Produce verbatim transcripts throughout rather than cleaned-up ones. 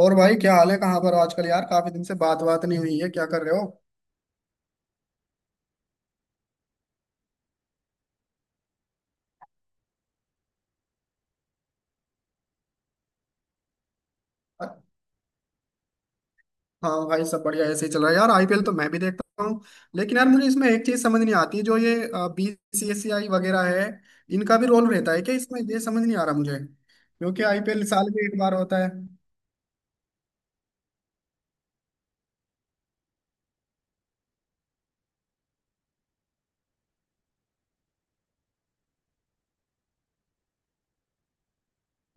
और भाई क्या हाल है? कहाँ पर हो आजकल यार? काफी दिन से बात बात नहीं हुई है। क्या कर रहे हो? अ- हाँ भाई, सब बढ़िया ऐसे ही चल रहा है यार। आईपीएल तो मैं भी देखता हूँ, लेकिन यार मुझे इसमें एक चीज समझ नहीं आती। जो ये बी सी सी आई वगैरह है, इनका भी रोल रहता है क्या इसमें? ये समझ नहीं आ रहा मुझे, क्योंकि आईपीएल साल में एक बार होता है।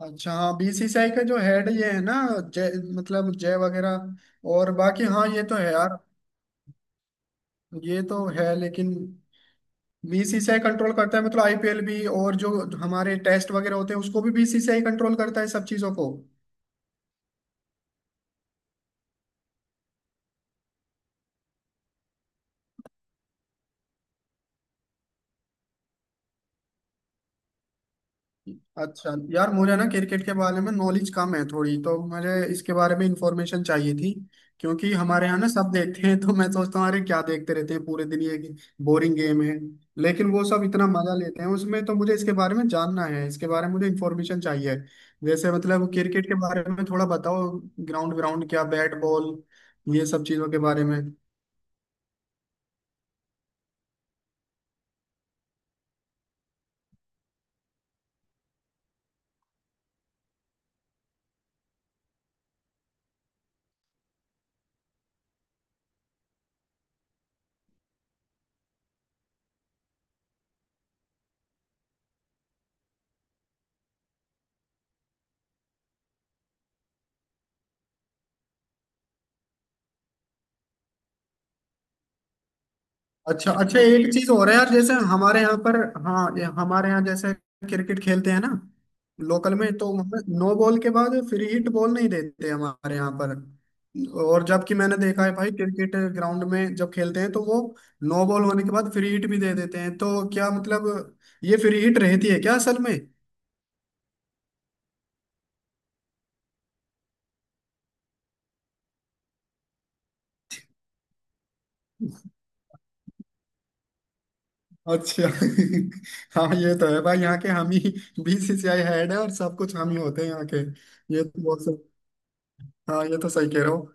अच्छा, हाँ, बीसीसीआई का जो हेड ये है ना, जय, मतलब जय वगैरह और बाकी। हाँ, ये तो है यार। ये तो है, लेकिन बीसीसीआई कंट्रोल करता है मतलब आईपीएल भी, और जो हमारे टेस्ट वगैरह होते हैं उसको भी बीसीसीआई कंट्रोल करता है, सब चीजों को। अच्छा यार, मुझे ना क्रिकेट के बारे में नॉलेज कम है थोड़ी, तो मुझे इसके बारे में इंफॉर्मेशन चाहिए थी। क्योंकि हमारे यहाँ ना सब देखते हैं, तो मैं सोचता हूँ, अरे क्या देखते रहते हैं पूरे दिन, ये बोरिंग गेम है। लेकिन वो सब इतना मजा लेते हैं उसमें, तो मुझे इसके बारे में जानना है, इसके बारे में मुझे इंफॉर्मेशन चाहिए। जैसे मतलब क्रिकेट के बारे में थोड़ा बताओ। ग्राउंड, ग्राउंड क्या, बैट बॉल, ये सब चीजों के बारे में। अच्छा अच्छा, एक चीज और है यार, जैसे हमारे यहाँ पर, हाँ, ये हमारे यहाँ जैसे क्रिकेट खेलते हैं ना, लोकल में, तो वहाँ नो बॉल के बाद फ्री हिट बॉल नहीं देते हमारे यहाँ पर। और जबकि मैंने देखा है भाई, क्रिकेट ग्राउंड में जब खेलते हैं तो वो नो बॉल होने के बाद फ्री हिट भी दे देते हैं। तो क्या मतलब, ये फ्री हिट रहती है क्या असल में? अच्छा हाँ, ये तो है भाई, यहाँ के हम ही बीसीसीआई हेड है और सब कुछ हम ही होते हैं यहाँ के। ये तो बहुत सही- हाँ, ये तो सही कह रहे हो।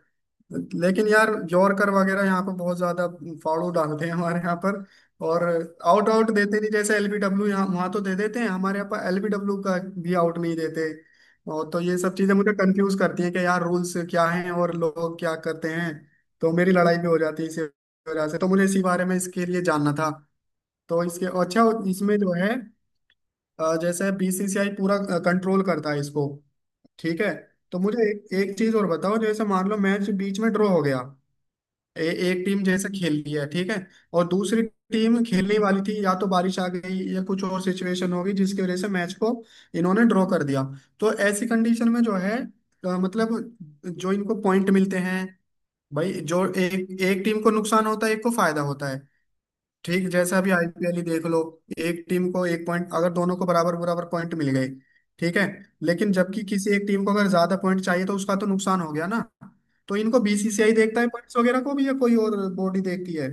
लेकिन यार यॉर्कर वगैरह यहाँ पर बहुत ज्यादा फाड़ू डालते हैं हमारे यहाँ पर। और आउट आउट देते नहीं, जैसे एल बी डब्ल्यू यहाँ वहां तो दे देते हैं, हमारे यहाँ पर एलबीडब्ल्यू का भी आउट नहीं देते। और तो ये सब चीजें मुझे कंफ्यूज करती हैं कि यार रूल्स क्या हैं और लोग क्या करते हैं। तो मेरी लड़ाई भी हो जाती है इसी वजह से, तो मुझे इसी बारे में, इसके लिए जानना था। तो इसके, अच्छा, इसमें जो है अ, जैसे बीसीसीआई पूरा कंट्रोल करता है इसको, ठीक है। तो मुझे एक, एक चीज और बताओ। जैसे मान लो मैच बीच में ड्रॉ हो गया, ए, एक टीम जैसे खेल रही है ठीक है, और दूसरी टीम खेलने वाली थी, या तो बारिश आ गई या कुछ और सिचुएशन हो गई, जिसकी वजह से मैच को इन्होंने ड्रॉ कर दिया। तो ऐसी कंडीशन में जो है, अ, मतलब जो इनको पॉइंट मिलते हैं, भाई जो एक एक टीम को नुकसान होता है, एक को फायदा होता है। ठीक, जैसे अभी आईपीएल ही देख लो, एक टीम को एक पॉइंट, अगर दोनों को बराबर बराबर पॉइंट मिल गए ठीक है, लेकिन जबकि किसी एक टीम को अगर ज्यादा पॉइंट चाहिए तो उसका तो नुकसान हो गया ना। तो इनको बीसीसीआई देखता है, पॉइंट्स वगैरह को भी, या कोई और बॉडी देखती है?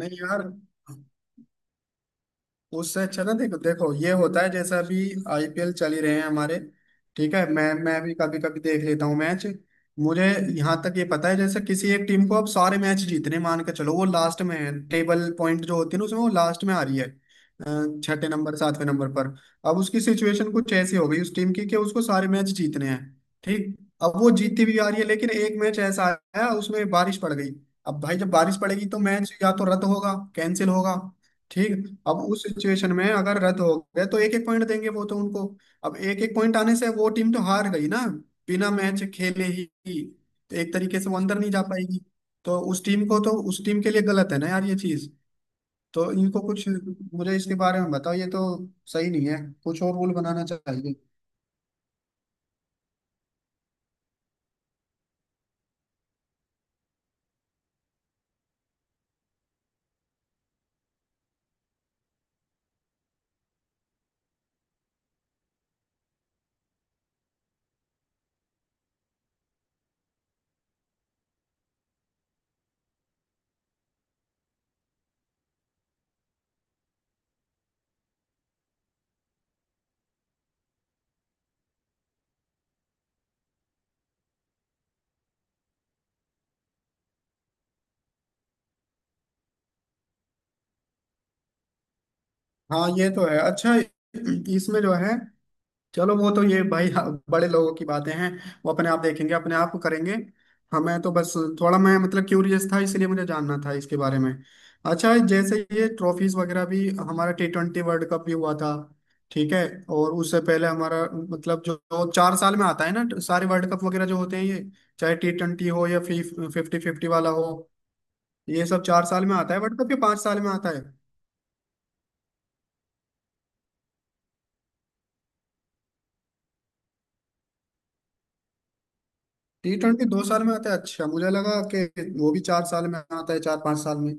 नहीं यार, उससे अच्छा ना, देखो देखो ये होता है, जैसे अभी आईपीएल चल ही रहे हैं हमारे, ठीक है। मैं मैं भी कभी कभी देख लेता हूँ मैच। मुझे यहाँ तक ये पता है, जैसे किसी एक टीम को अब सारे मैच जीतने, मान के चलो वो लास्ट में है, टेबल पॉइंट जो होती है ना उसमें वो लास्ट में आ रही है, अ, छठे नंबर सातवें नंबर पर। अब उसकी सिचुएशन कुछ ऐसी हो गई उस टीम की कि उसको सारे मैच जीतने हैं, ठीक। अब वो जीतती भी आ रही है, लेकिन एक मैच ऐसा आया उसमें बारिश पड़ गई। अब भाई जब बारिश पड़ेगी तो मैच या तो रद्द होगा, कैंसिल होगा, ठीक। अब उस सिचुएशन में अगर रद्द हो गए तो एक एक पॉइंट देंगे वो तो उनको। अब एक एक पॉइंट आने से वो टीम तो हार गई ना, बिना मैच खेले ही। तो एक तरीके से वो अंदर नहीं जा पाएगी। तो उस टीम को तो, उस टीम के लिए गलत है ना यार ये चीज। तो इनको कुछ, मुझे इसके बारे में बताओ, ये तो सही नहीं है, कुछ और रूल बनाना चाहिए। हाँ ये तो है। अच्छा, इसमें जो है, चलो वो तो ये भाई, हाँ, बड़े लोगों की बातें हैं, वो अपने आप देखेंगे अपने आप करेंगे। हमें तो बस, थोड़ा मैं मतलब क्यूरियस था, इसलिए मुझे जानना था इसके बारे में। अच्छा, जैसे ये ट्रॉफीज वगैरह भी, हमारा टी ट्वेंटी वर्ल्ड कप भी हुआ था, ठीक है। और उससे पहले हमारा मतलब जो, जो चार साल में आता है ना सारे वर्ल्ड कप वगैरह जो होते हैं ये, चाहे टी ट्वेंटी हो या फिफ्टी फिफ्टी वाला हो, ये सब चार साल में आता है। वर्ल्ड कप ये पाँच साल में आता है। टी ट्वेंटी दो साल में आता है, अच्छा, मुझे लगा कि वो भी चार साल में आता है, चार पाँच साल में।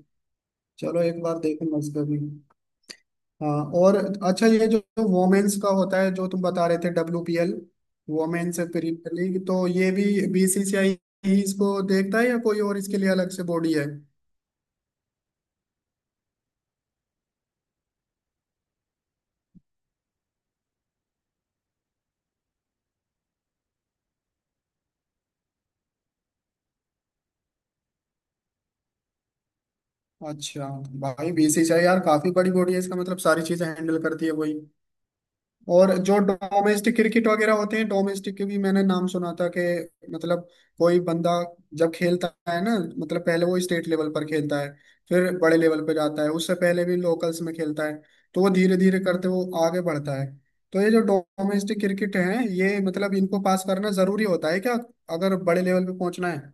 चलो एक बार देखूंगा इसका भी। हाँ, और अच्छा, ये जो वोमेन्स का होता है जो तुम बता रहे थे, W P L, women's premier league, तो ये भी बीसीसीआई ही इसको देखता है, या कोई और इसके लिए अलग से बॉडी है? अच्छा। भाई बीसीसीआई यार काफी बड़ी बॉडी है, इसका मतलब सारी चीजें हैंडल करती है वही। और जो डोमेस्टिक क्रिकेट वगैरह होते हैं, डोमेस्टिक के भी मैंने नाम सुना था कि, मतलब कोई बंदा जब खेलता है ना, मतलब पहले वो स्टेट लेवल पर खेलता है, फिर बड़े लेवल पर जाता है, उससे पहले भी लोकल्स में खेलता है। तो वो धीरे धीरे करते वो आगे बढ़ता है। तो ये जो डोमेस्टिक क्रिकेट है, ये मतलब इनको पास करना जरूरी होता है क्या, अगर बड़े लेवल पे पहुंचना है?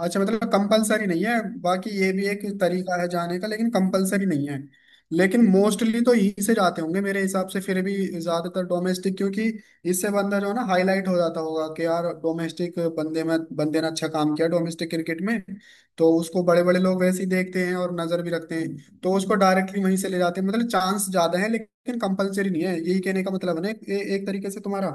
अच्छा, मतलब कंपलसरी नहीं है। बाकी ये भी एक तरीका है जाने का, लेकिन कंपलसरी नहीं है। लेकिन मोस्टली तो ई से जाते होंगे मेरे हिसाब से फिर भी, ज्यादातर डोमेस्टिक, क्योंकि इससे बंदा जो है ना हाईलाइट हो जाता होगा कि यार डोमेस्टिक बंदे में बंदे ने अच्छा काम किया डोमेस्टिक क्रिकेट में। तो उसको बड़े बड़े लोग वैसे ही देखते हैं और नजर भी रखते हैं, तो उसको डायरेक्टली वहीं से ले जाते हैं। मतलब चांस ज्यादा है लेकिन कंपलसरी नहीं है, यही कहने का मतलब है ना, ए, एक तरीके से तुम्हारा।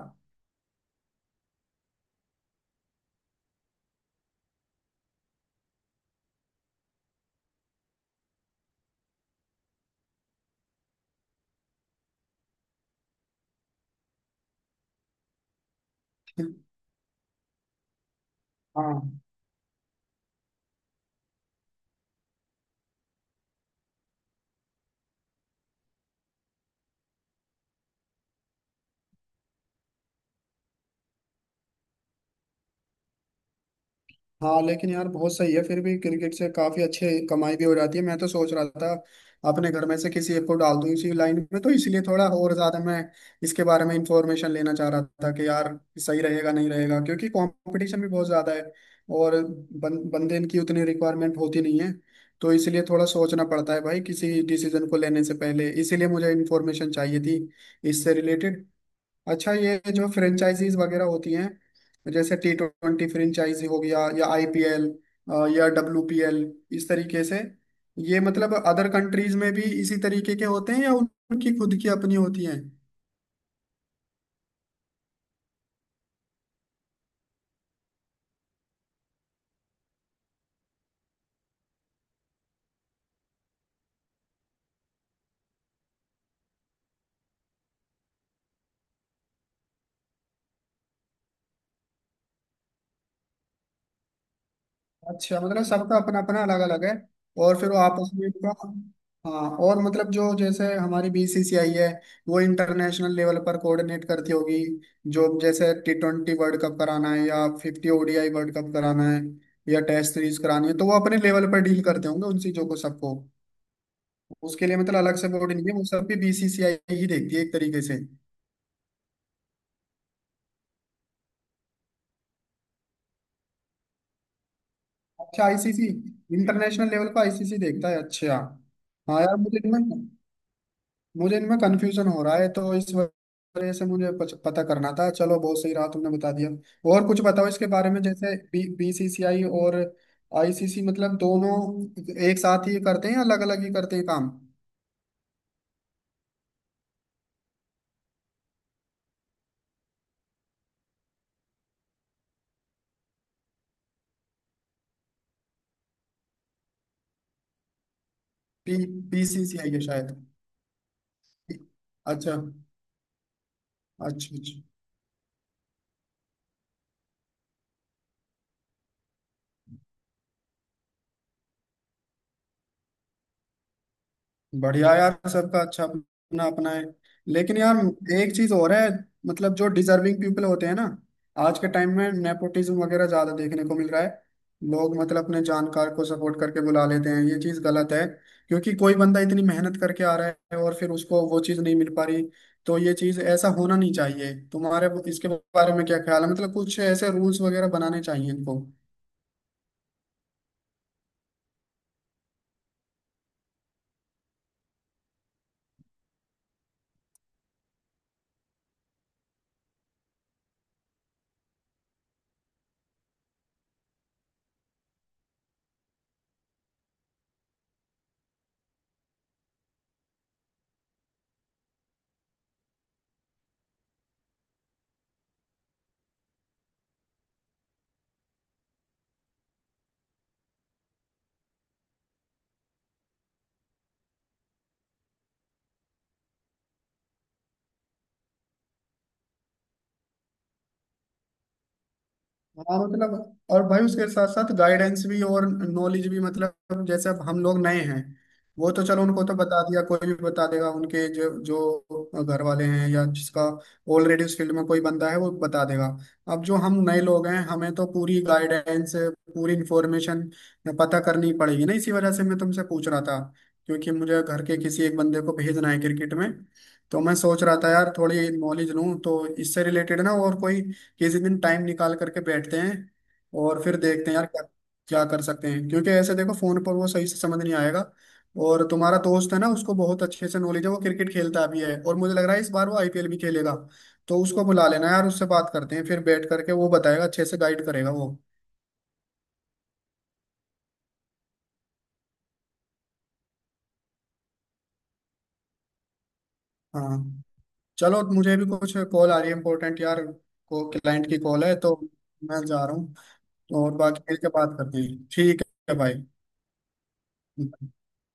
हाँ हाँ, लेकिन यार बहुत सही है, फिर भी क्रिकेट से काफी अच्छे कमाई भी हो जाती है। मैं तो सोच रहा था अपने घर में से किसी एक को डाल दूं इसी लाइन में, तो इसलिए थोड़ा और ज्यादा मैं इसके बारे में इंफॉर्मेशन लेना चाह रहा था कि यार सही रहेगा नहीं रहेगा, क्योंकि कंपटीशन भी बहुत ज्यादा है। और बं, बंदे की उतनी रिक्वायरमेंट होती नहीं है। तो इसलिए थोड़ा सोचना पड़ता है भाई किसी डिसीजन को लेने से पहले, इसीलिए मुझे इन्फॉर्मेशन चाहिए थी इससे रिलेटेड। अच्छा ये जो फ्रेंचाइजीज वगैरह होती हैं, जैसे टी ट्वेंटी फ्रेंचाइजी हो गया, या आईपीएल या डब्ल्यू पी एल, इस तरीके से, ये मतलब अदर कंट्रीज में भी इसी तरीके के होते हैं, या उनकी खुद की अपनी होती हैं? अच्छा, मतलब सबका अपना अपना अलग अलग है। और फिर वो आपस में इनका, हाँ, और मतलब जो जैसे हमारी बीसीसीआई है, वो इंटरनेशनल लेवल पर कोऑर्डिनेट करती होगी, जो जैसे टी ट्वेंटी वर्ल्ड कप कराना है, या fifty O D I world cup कराना है, या टेस्ट सीरीज करानी है, तो वो अपने लेवल पर डील करते होंगे उन चीजों को सबको। उसके लिए मतलब अलग से बोर्ड नहीं है, वो सब भी बीसीसीआई ही देखती है एक तरीके से। अच्छा, आई सी सी, इंटरनेशनल लेवल पर आईसीसी देखता है, अच्छा। हाँ यार, मुझे इनमें मुझे इनमें कंफ्यूजन हो रहा है, तो इस वजह से मुझे पच- पता करना था। चलो बहुत सही रहा, तुमने बता दिया। और कुछ बताओ इसके बारे में, जैसे बी बीसीसीआई और आईसीसी, मतलब दोनों एक साथ ही करते हैं या अलग अलग ही करते हैं काम? बी बीसीसीआई है शायद। अच्छा अच्छा अच्छा। बढ़िया यार, सबका अच्छा अपना अपना है। लेकिन यार एक चीज और है, मतलब जो डिजर्विंग पीपल होते हैं ना। आज के टाइम में नेपोटिज्म वगैरह ज्यादा देखने को मिल रहा है, लोग मतलब अपने जानकार को सपोर्ट करके बुला लेते हैं। ये चीज गलत है, क्योंकि कोई बंदा इतनी मेहनत करके आ रहा है, और फिर उसको वो चीज नहीं मिल पा रही। तो ये चीज, ऐसा होना नहीं चाहिए। तुम्हारे इसके बारे में क्या ख्याल है, मतलब कुछ ऐसे रूल्स वगैरह बनाने चाहिए इनको? हाँ मतलब, और भाई उसके साथ साथ गाइडेंस भी और नॉलेज भी। मतलब जैसे अब हम लोग नए हैं, वो तो चलो उनको तो बता दिया, कोई भी बता देगा, उनके जो जो घर वाले हैं या जिसका ऑलरेडी उस फील्ड में कोई बंदा है वो बता देगा। अब जो हम नए लोग हैं, हमें तो पूरी गाइडेंस, पूरी इंफॉर्मेशन पता करनी पड़ेगी ना। इसी वजह से मैं तुमसे पूछ रहा था, क्योंकि मुझे घर के किसी एक बंदे को भेजना है क्रिकेट में। तो मैं सोच रहा था यार, थोड़ी नॉलेज लूँ तो इससे रिलेटेड ना। और कोई किसी दिन टाइम निकाल करके बैठते हैं, और फिर देखते हैं यार क्या क्या कर सकते हैं, क्योंकि ऐसे देखो फोन पर वो सही से समझ नहीं आएगा। और तुम्हारा दोस्त है ना, उसको बहुत अच्छे से नॉलेज है, वो क्रिकेट खेलता भी है, और मुझे लग रहा है इस बार वो आईपीएल भी खेलेगा। तो उसको बुला लेना यार, उससे बात करते हैं फिर बैठ करके, वो बताएगा अच्छे से, गाइड करेगा वो। हाँ, चलो मुझे भी कुछ कॉल आ रही है इंपॉर्टेंट यार, को क्लाइंट की कॉल है, तो मैं जा रहा हूँ। और बाकी मिलकर बात करते हैं, ठीक है भाई।